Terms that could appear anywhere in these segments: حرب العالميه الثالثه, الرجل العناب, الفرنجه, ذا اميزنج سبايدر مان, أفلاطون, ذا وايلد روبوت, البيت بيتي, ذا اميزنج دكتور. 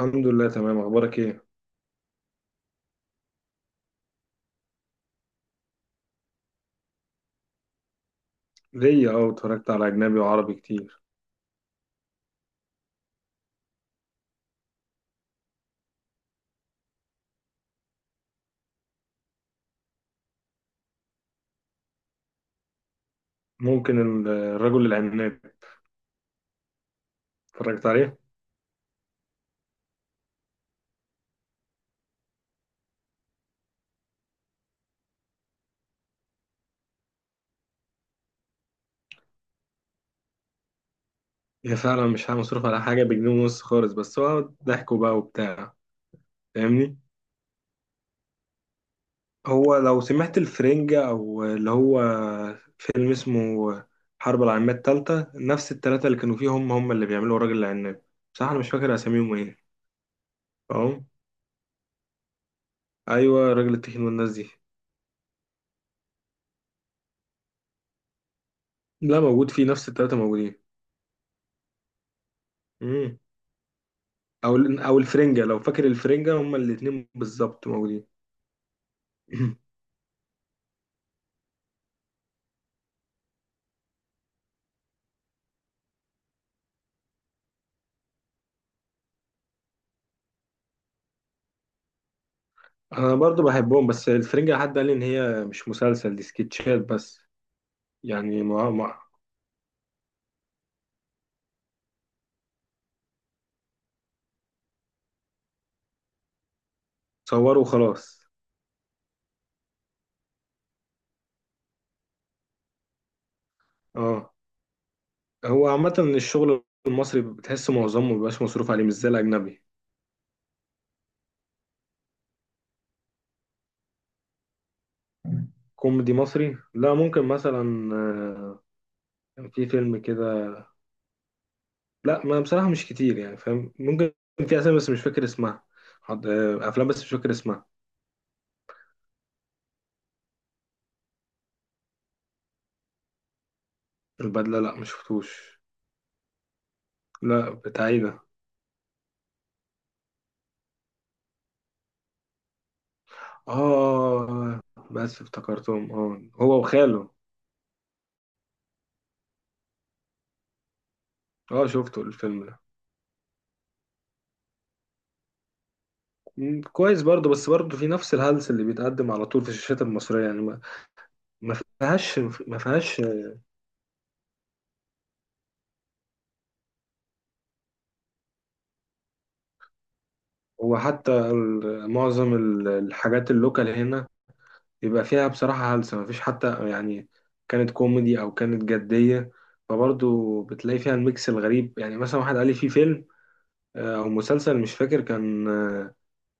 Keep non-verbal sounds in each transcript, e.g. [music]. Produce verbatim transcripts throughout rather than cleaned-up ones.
الحمد لله، تمام. اخبارك ايه؟ ليا. اه، اتفرجت على اجنبي وعربي كتير. ممكن ال- الرجل العناب. اتفرجت عليه. هي فعلا مش مصروف على حاجه، بجنيه ونص خالص، بس هو ضحكه بقى وبتاع. فاهمني؟ هو، لو سمعت الفرنجة، او اللي هو فيلم اسمه حرب العالميه الثالثه، نفس الثلاثه اللي كانوا فيهم هم هم اللي بيعملوا الرجل العناب. بصراحه انا مش فاكر اساميهم ايه. اه. ايوه، راجل التخين والناس دي. لا، موجود فيه، نفس الثلاثه موجودين. او ال- او الفرنجه، لو فاكر الفرنجه، هما الاتنين بالظبط موجودين. [clears throat] انا برضو بحبهم، بس الفرنجه حد قال لي ان هي مش مسلسل، دي سكتشات بس. يعني ما ما. صوروا وخلاص. اه. هو عامه الشغل المصري بتحس معظمه مبيبقاش مصروف عليه، مش زي الاجنبي. كوميدي مصري؟ لا. ممكن مثلا آه، كان في فيلم كده. لا، ما بصراحه مش كتير يعني، فاهم؟ ممكن. في اسامي، بس مش فاكر اسمها. حض- آه، افلام، بس مش فاكر اسمها. البدله؟ لا، مش شفتوش. لا، بتاع ايه ده؟ اه، بس افتكرتهم. اه، هو وخاله. اه، شفته الفيلم ده. مم، كويس برضه، بس برضه في نفس الهلس اللي بيتقدم على طول في الشاشات المصرية، يعني ما. ما فيهاش. ما فيهاش. هو حتى ال- معظم ال- الحاجات اللوكال هنا يبقى فيها بصراحة هلس، ما فيش حتى يعني. كانت كوميدي أو كانت جدية، فبرضه بتلاقي فيها الميكس الغريب. يعني مثلا واحد قال لي في فيلم آه، أو مسلسل مش فاكر، كان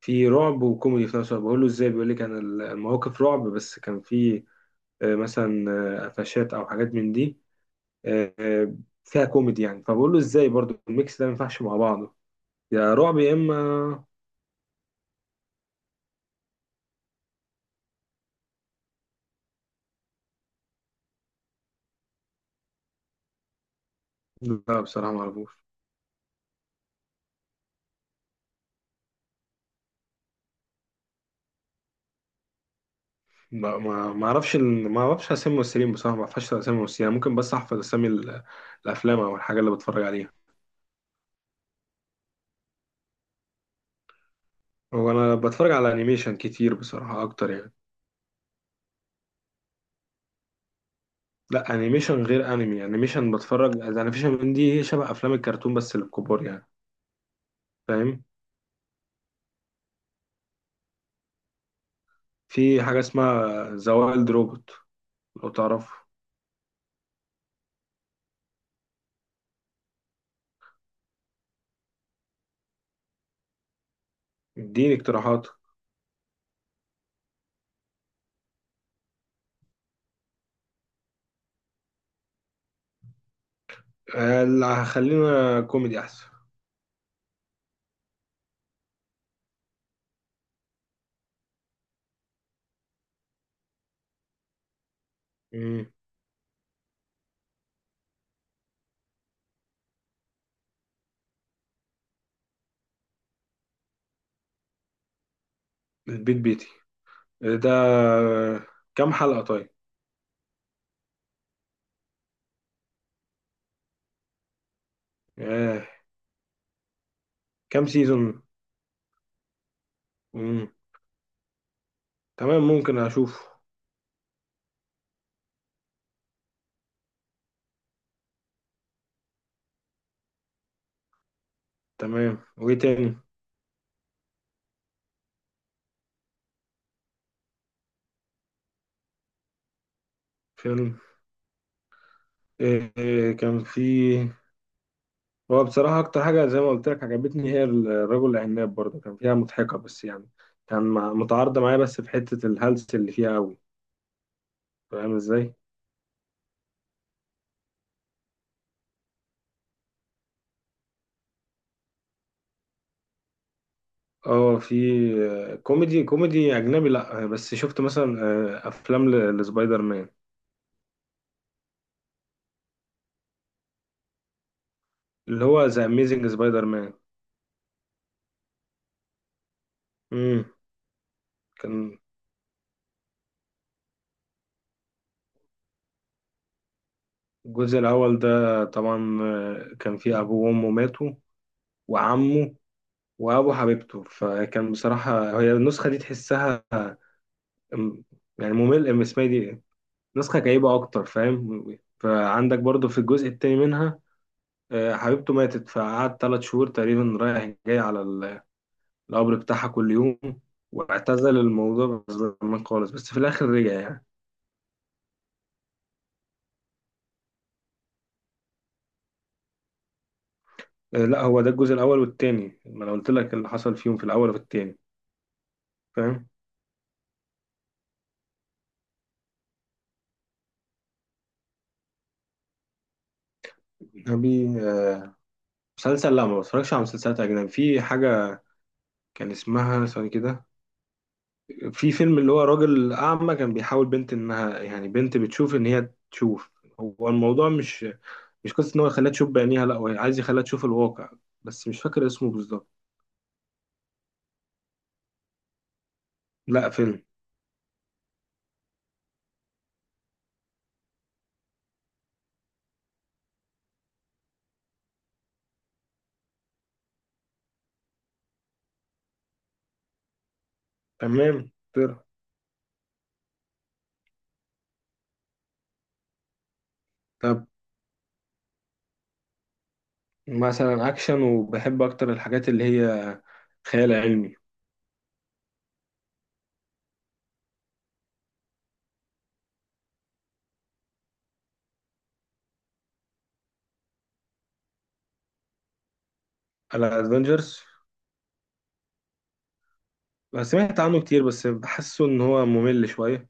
في رعب وكوميدي في نفس الوقت. بقول له ازاي؟ بيقول لي كان المواقف رعب، بس كان في آه، مثلا آه، قفشات او حاجات من دي آه، آه، فيها كوميدي يعني. فبقول له ازاي برضو الميكس ده ما ينفعش مع بعضه؟ يا رعب يا اما. لا، بصراحه ما اعرفوش. ما ما ما اعرفش ال- ما اعرفش اسامي الممثلين بصراحه، ما اعرفش اسامي الممثلين يعني. ممكن بس احفظ اسامي ال- الافلام او الحاجه اللي بتفرج عليها. هو انا بتفرج على انيميشن كتير بصراحه، اكتر يعني. لا، انيميشن غير انمي. انيميشن، بتفرج انيميشن من دي، شبه افلام الكرتون بس للكبار يعني. فاهم؟ في حاجة اسمها ذا وايلد روبوت، لو تعرفه. اديني اقتراحات. آه، اللي هخلينا كوميدي احسن. مم. البيت بيتي ده، كام حلقة طيب؟ آه. كام سيزون؟ مم. تمام، ممكن اشوفه. تمام، وايه تاني؟ فيلم. آه. آه، كان في. هو بصراحة أكتر حاجة زي ما قلت لك عجبتني هي الرجل العناب، برضه كان فيها مضحكة بس يعني. كان مع- متعارضة معايا، بس في حتة الهلس اللي فيها أوي. فاهم إزاي؟ اه، في. كوميدي كوميدي اجنبي؟ لا، بس شفت مثلا آه، افلام ل- لسبايدر مان. اللي هو ذا اميزنج سبايدر مان. امم. كان الجزء الاول ده طبعا آه، كان فيه ابوه وامه ماتوا، وعمه، وابو حبيبته. فكان بصراحه هي النسخه دي تحسها أم- يعني ممل، ام اسمها دي إيه؟ نسخه كئيبه اكتر، فاهم؟ فعندك برضو في الجزء التاني منها آه، حبيبته ماتت، فقعد ثلاث شهور تقريبا رايح جاي على القبر بتاعها كل يوم، واعتزل الموضوع زمان خالص، بس في الآخر رجع يعني. آه، لا، هو ده الجزء الأول والتاني، ما أنا قلت لك اللي حصل فيهم في الأول وفي التاني. فاهم؟ أبي آه، مسلسل؟ لا، ما بتفرجش على مسلسلات أجنبي. في حاجة كان اسمها ثواني كده. في فيلم اللي هو راجل أعمى كان بيحاول بنت إنها يعني بنت بتشوف، إن هي تشوف. هو الموضوع مش مش قصة إن هو يخليها تشوف بعينيها، لا، هو عايز يخليها تشوف الواقع. بس مش فاكر اسمه بالظبط. لا، فيلم. تمام. طيب مثلا اكشن، وبحب اكتر الحاجات اللي هي خيال علمي. على ادفنجرز؟ سمعت عنه كتير، بس بحسه ان هو ممل شويه.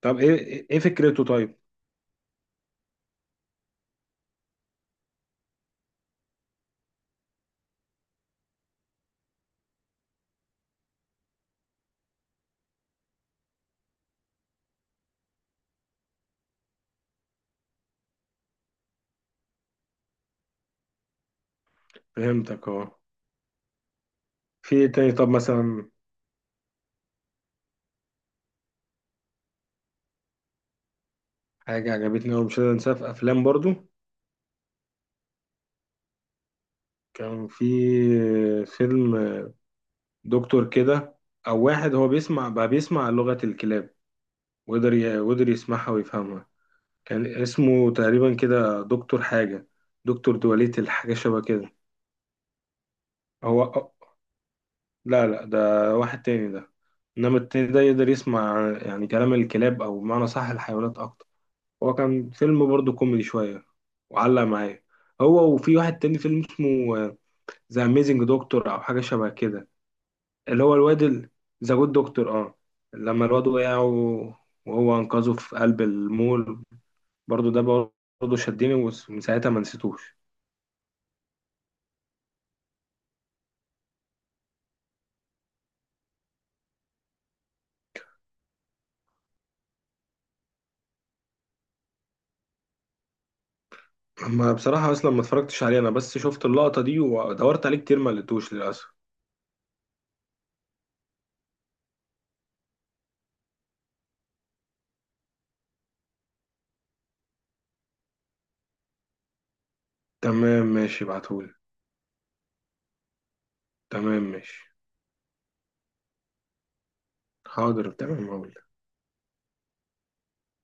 طب ايه ايه فكرته طيب؟ فهمتك. اه، في إيه تاني طب مثلا؟ حاجه عجبتني أوي مش قادر انساها في افلام برضو. كان في فيلم دكتور كده، او واحد هو بيسمع بقى، بيسمع لغه الكلاب، وقدر ي- وقدر يسمعها ويفهمها. كان اسمه تقريبا كده دكتور حاجه. دكتور دواليت، الحاجه شبه كده. هو؟ لا، لا، ده واحد تاني ده. انما التاني ده يقدر يسمع يعني كلام الكلاب، او بمعنى صح الحيوانات اكتر. هو كان فيلم برضه كوميدي شويه، وعلق معايا. هو، وفي واحد تاني فيلم اسمه ذا اميزنج دكتور او حاجه شبه كده. اللي هو الواد. ذا جود دكتور، اه. لما الواد وقع و- وهو انقذه في قلب المول، برضه ده برضه شدني، ومن ساعتها ما نسيتوش. ما بصراحه اصلا ما اتفرجتش عليه انا، بس شفت اللقطه دي ودورت عليه كتير ما لقيتوش للاسف. تمام ماشي، ابعتهولي. تمام ماشي. حاضر، تمام، هقول.